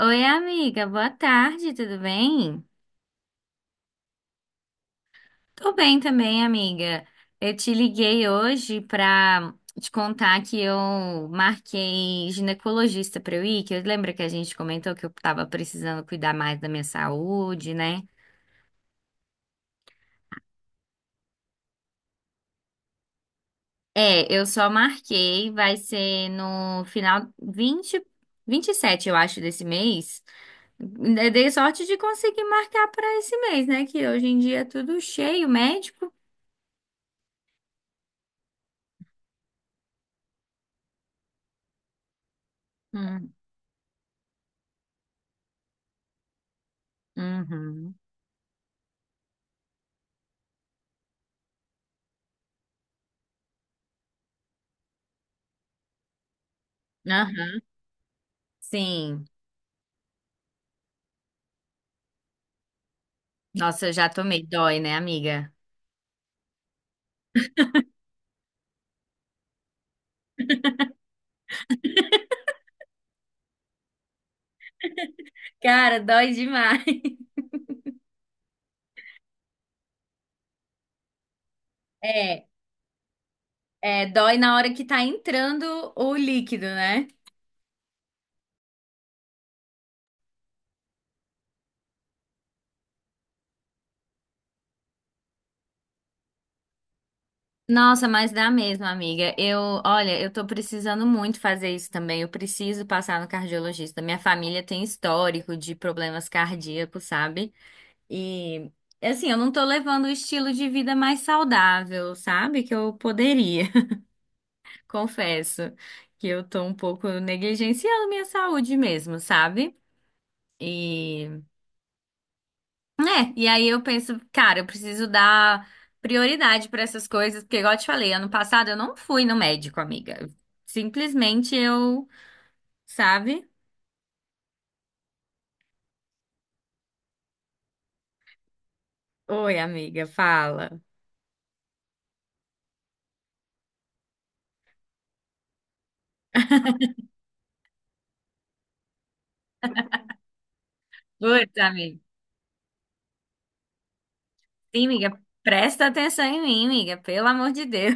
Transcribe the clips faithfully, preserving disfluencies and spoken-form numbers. Oi, amiga, boa tarde, tudo bem? Tô bem também, amiga. Eu te liguei hoje pra te contar que eu marquei ginecologista pra eu ir, que eu lembro que a gente comentou que eu tava precisando cuidar mais da minha saúde, né? É, eu só marquei, vai ser no final vinte, vinte e sete, eu acho, desse mês. Eu dei sorte de conseguir marcar pra esse mês, né? Que hoje em dia é tudo cheio, médico. Hum. Uhum. Aham. Sim. Nossa, eu já tomei. Dói, né, amiga? Cara, dói demais. É, é, dói na hora que tá entrando o líquido, né? Nossa, mas dá mesmo, amiga. Eu, olha, eu tô precisando muito fazer isso também. Eu preciso passar no cardiologista. Minha família tem histórico de problemas cardíacos, sabe? E assim, eu não tô levando o estilo de vida mais saudável, sabe? Que eu poderia. Confesso que eu tô um pouco negligenciando minha saúde mesmo, sabe? E, né, e aí eu penso, cara, eu preciso dar prioridade para essas coisas, porque igual eu te falei, ano passado eu não fui no médico, amiga. Simplesmente eu, sabe? Oi, amiga, fala. Putz, amiga. Sim, amiga, presta atenção em mim, amiga, pelo amor de Deus.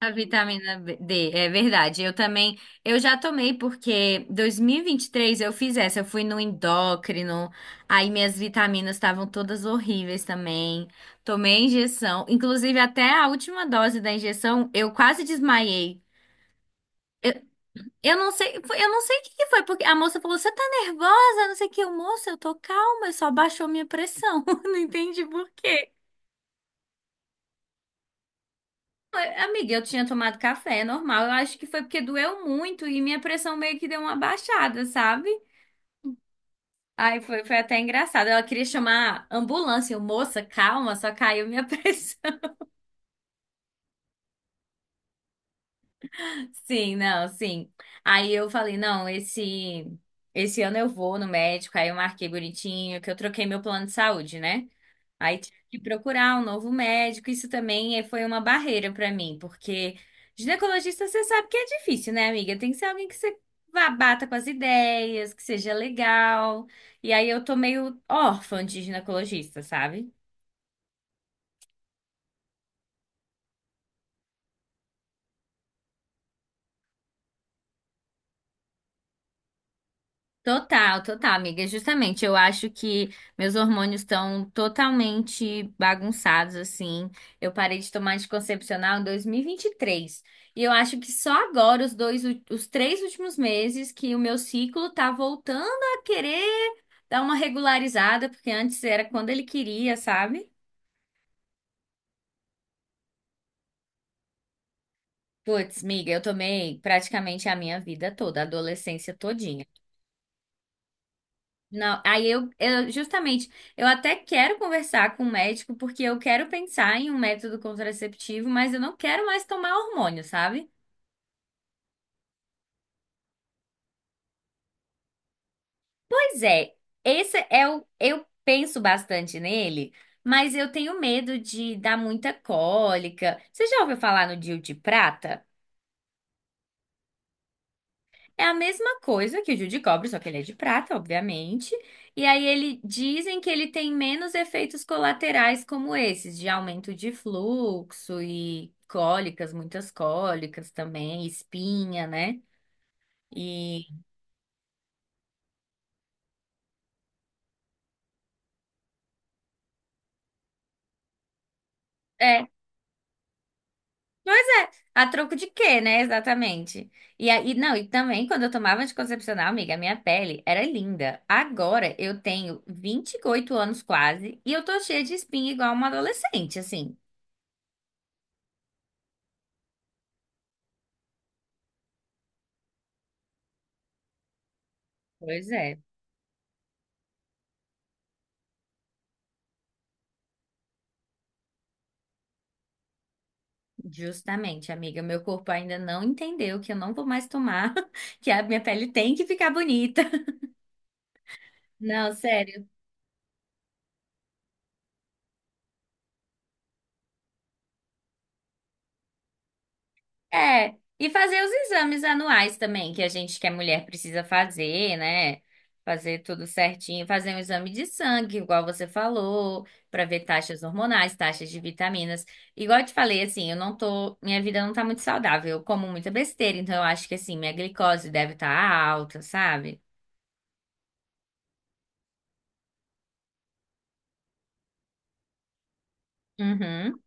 A vitamina B- D, é verdade. Eu também, eu já tomei porque dois mil e vinte e três eu fiz essa, eu fui no endócrino, aí minhas vitaminas estavam todas horríveis também. Tomei a injeção, inclusive até a última dose da injeção, eu quase desmaiei. Eu, eu não sei, foi- eu não sei o que que foi, porque a moça falou: "Você tá nervosa?" Não sei o que, eu, moça, eu tô calma, eu só baixou minha pressão. Não entendi por quê. Amiga, eu tinha tomado café, é normal. Eu acho que foi porque doeu muito e minha pressão meio que deu uma baixada, sabe? Aí foi, foi até engraçado. Ela queria chamar a ambulância. Eu, moça, calma, só caiu minha pressão. Sim, não, sim. Aí eu falei, não, esse, esse ano eu vou no médico. Aí eu marquei bonitinho, que eu troquei meu plano de saúde, né? Aí tive que procurar um novo médico. Isso também eh, foi uma barreira para mim, porque ginecologista você sabe que é difícil, né, amiga? Tem que ser alguém que você vá- bata com as ideias, que seja legal. E aí eu tô meio órfã de ginecologista, sabe? Total, total, amiga. Justamente, eu acho que meus hormônios estão totalmente bagunçados, assim. Eu parei de tomar anticoncepcional em dois mil e vinte e e três. E eu acho que só agora, os dois, ú- os três últimos meses, que o meu ciclo tá voltando a querer dar uma regularizada, porque antes era quando ele queria, sabe? Puts, miga, eu tomei praticamente a minha vida toda, a adolescência todinha. Não, aí eu, eu justamente, eu até quero conversar com o médico porque eu quero pensar em um método contraceptivo, mas eu não quero mais tomar hormônio, sabe? Pois é, esse é o, eu penso bastante nele, mas eu tenho medo de dar muita cólica. Você já ouviu falar no D I U de prata? É a mesma coisa que o Gil de cobre, só que ele é de prata, obviamente. E aí ele dizem que ele tem menos efeitos colaterais como esses, de aumento de fluxo e cólicas, muitas cólicas também, espinha, né? E é, pois é, a troco de quê, né? Exatamente. E aí, não, e também quando eu tomava anticoncepcional, amiga, a minha pele era linda. Agora eu tenho vinte e oito anos quase e eu tô cheia de espinha igual uma adolescente, assim. Pois é. Justamente, amiga, meu corpo ainda não entendeu que eu não vou mais tomar, que a minha pele tem que ficar bonita. Não, sério. É, e fazer os exames anuais também, que a gente, que é mulher, precisa fazer, né? Fazer tudo certinho, fazer um exame de sangue, igual você falou, para ver taxas hormonais, taxas de vitaminas. Igual eu te falei, assim, eu não tô, minha vida não tá muito saudável, eu como muita besteira, então eu acho que assim, minha glicose deve estar alta, sabe? Uhum.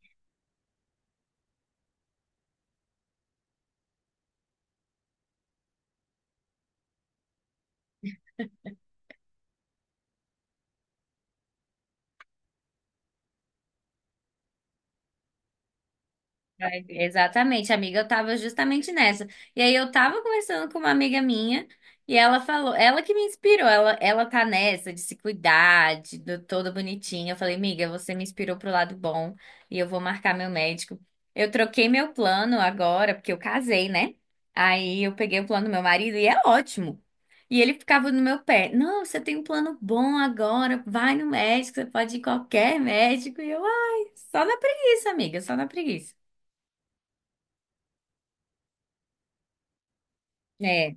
Vai- Exatamente, amiga, eu tava justamente nessa. E aí eu tava conversando com uma amiga minha e ela falou, ela que me inspirou, ela, ela tá nessa de se cuidar, de, do- toda bonitinha. Eu falei, amiga, você me inspirou pro lado bom e eu vou marcar meu médico. Eu troquei meu plano agora, porque eu casei, né? Aí eu peguei o plano do meu marido e é ótimo. E ele ficava no meu pé, não, você tem um plano bom agora, vai no médico, você pode ir em qualquer médico. E eu, ai, só na preguiça, amiga, só na preguiça. É,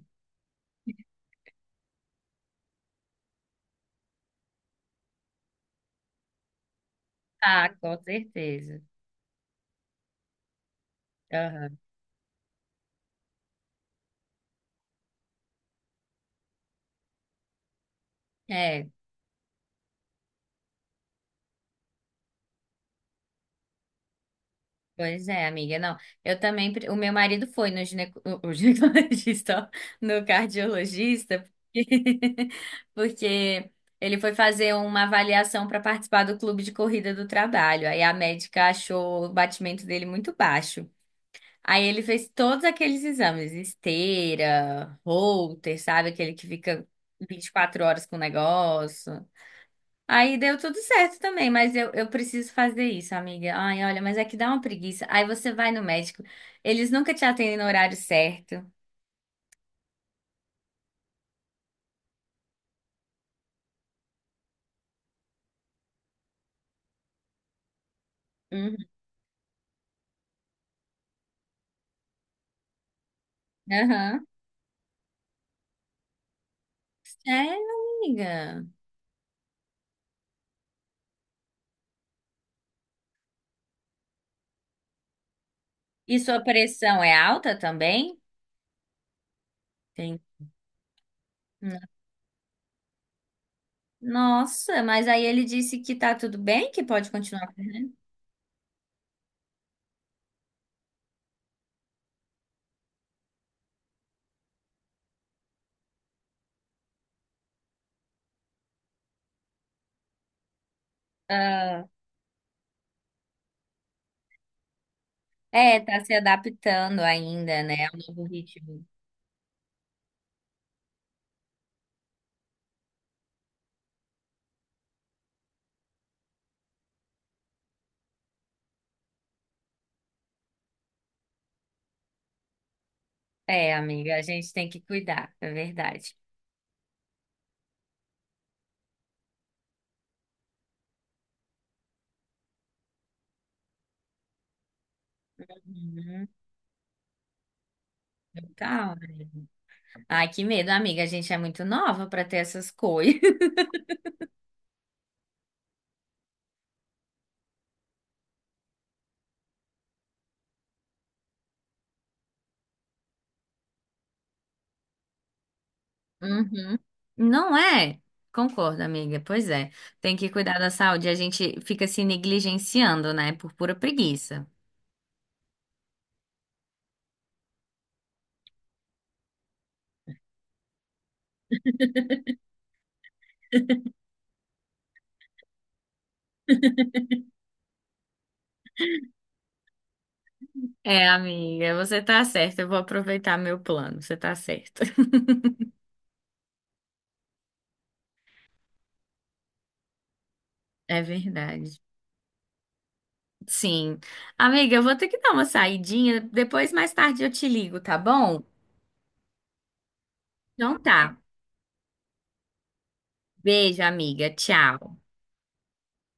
ah, com certeza. Aham. É, pois é, amiga. Não, eu também. pre- O meu marido foi no gineco, o ginecologista, ó, no cardiologista, porque, porque ele foi fazer uma avaliação para participar do clube de corrida do trabalho. Aí a médica achou o batimento dele muito baixo. Aí ele fez todos aqueles exames, esteira, Holter, sabe? Aquele que fica vinte e quatro horas com o negócio. Aí deu tudo certo também, mas eu, eu preciso fazer isso, amiga. Ai, olha, mas é que dá uma preguiça. Aí você vai no médico, eles nunca te atendem no horário certo. Uhum. Aham. Sério, amiga. E sua pressão é alta também? Tem. Nossa, mas aí ele disse que tá tudo bem, que pode continuar. Ah, é, tá se adaptando ainda, né, ao novo ritmo. É, amiga, a gente tem que cuidar, é verdade. Uhum. Calma. Ai, que medo, amiga. A gente é muito nova pra ter essas coisas. Uhum. Não é? Concordo, amiga. Pois é. Tem que cuidar da saúde. A gente fica se negligenciando, né? Por pura preguiça. É, amiga, você tá certa. Eu vou aproveitar meu plano. Você tá certa. É verdade. Sim. Amiga, eu vou ter que dar uma saidinha. Depois, mais tarde, eu te ligo, tá bom? Então tá. Beijo, amiga. Tchau.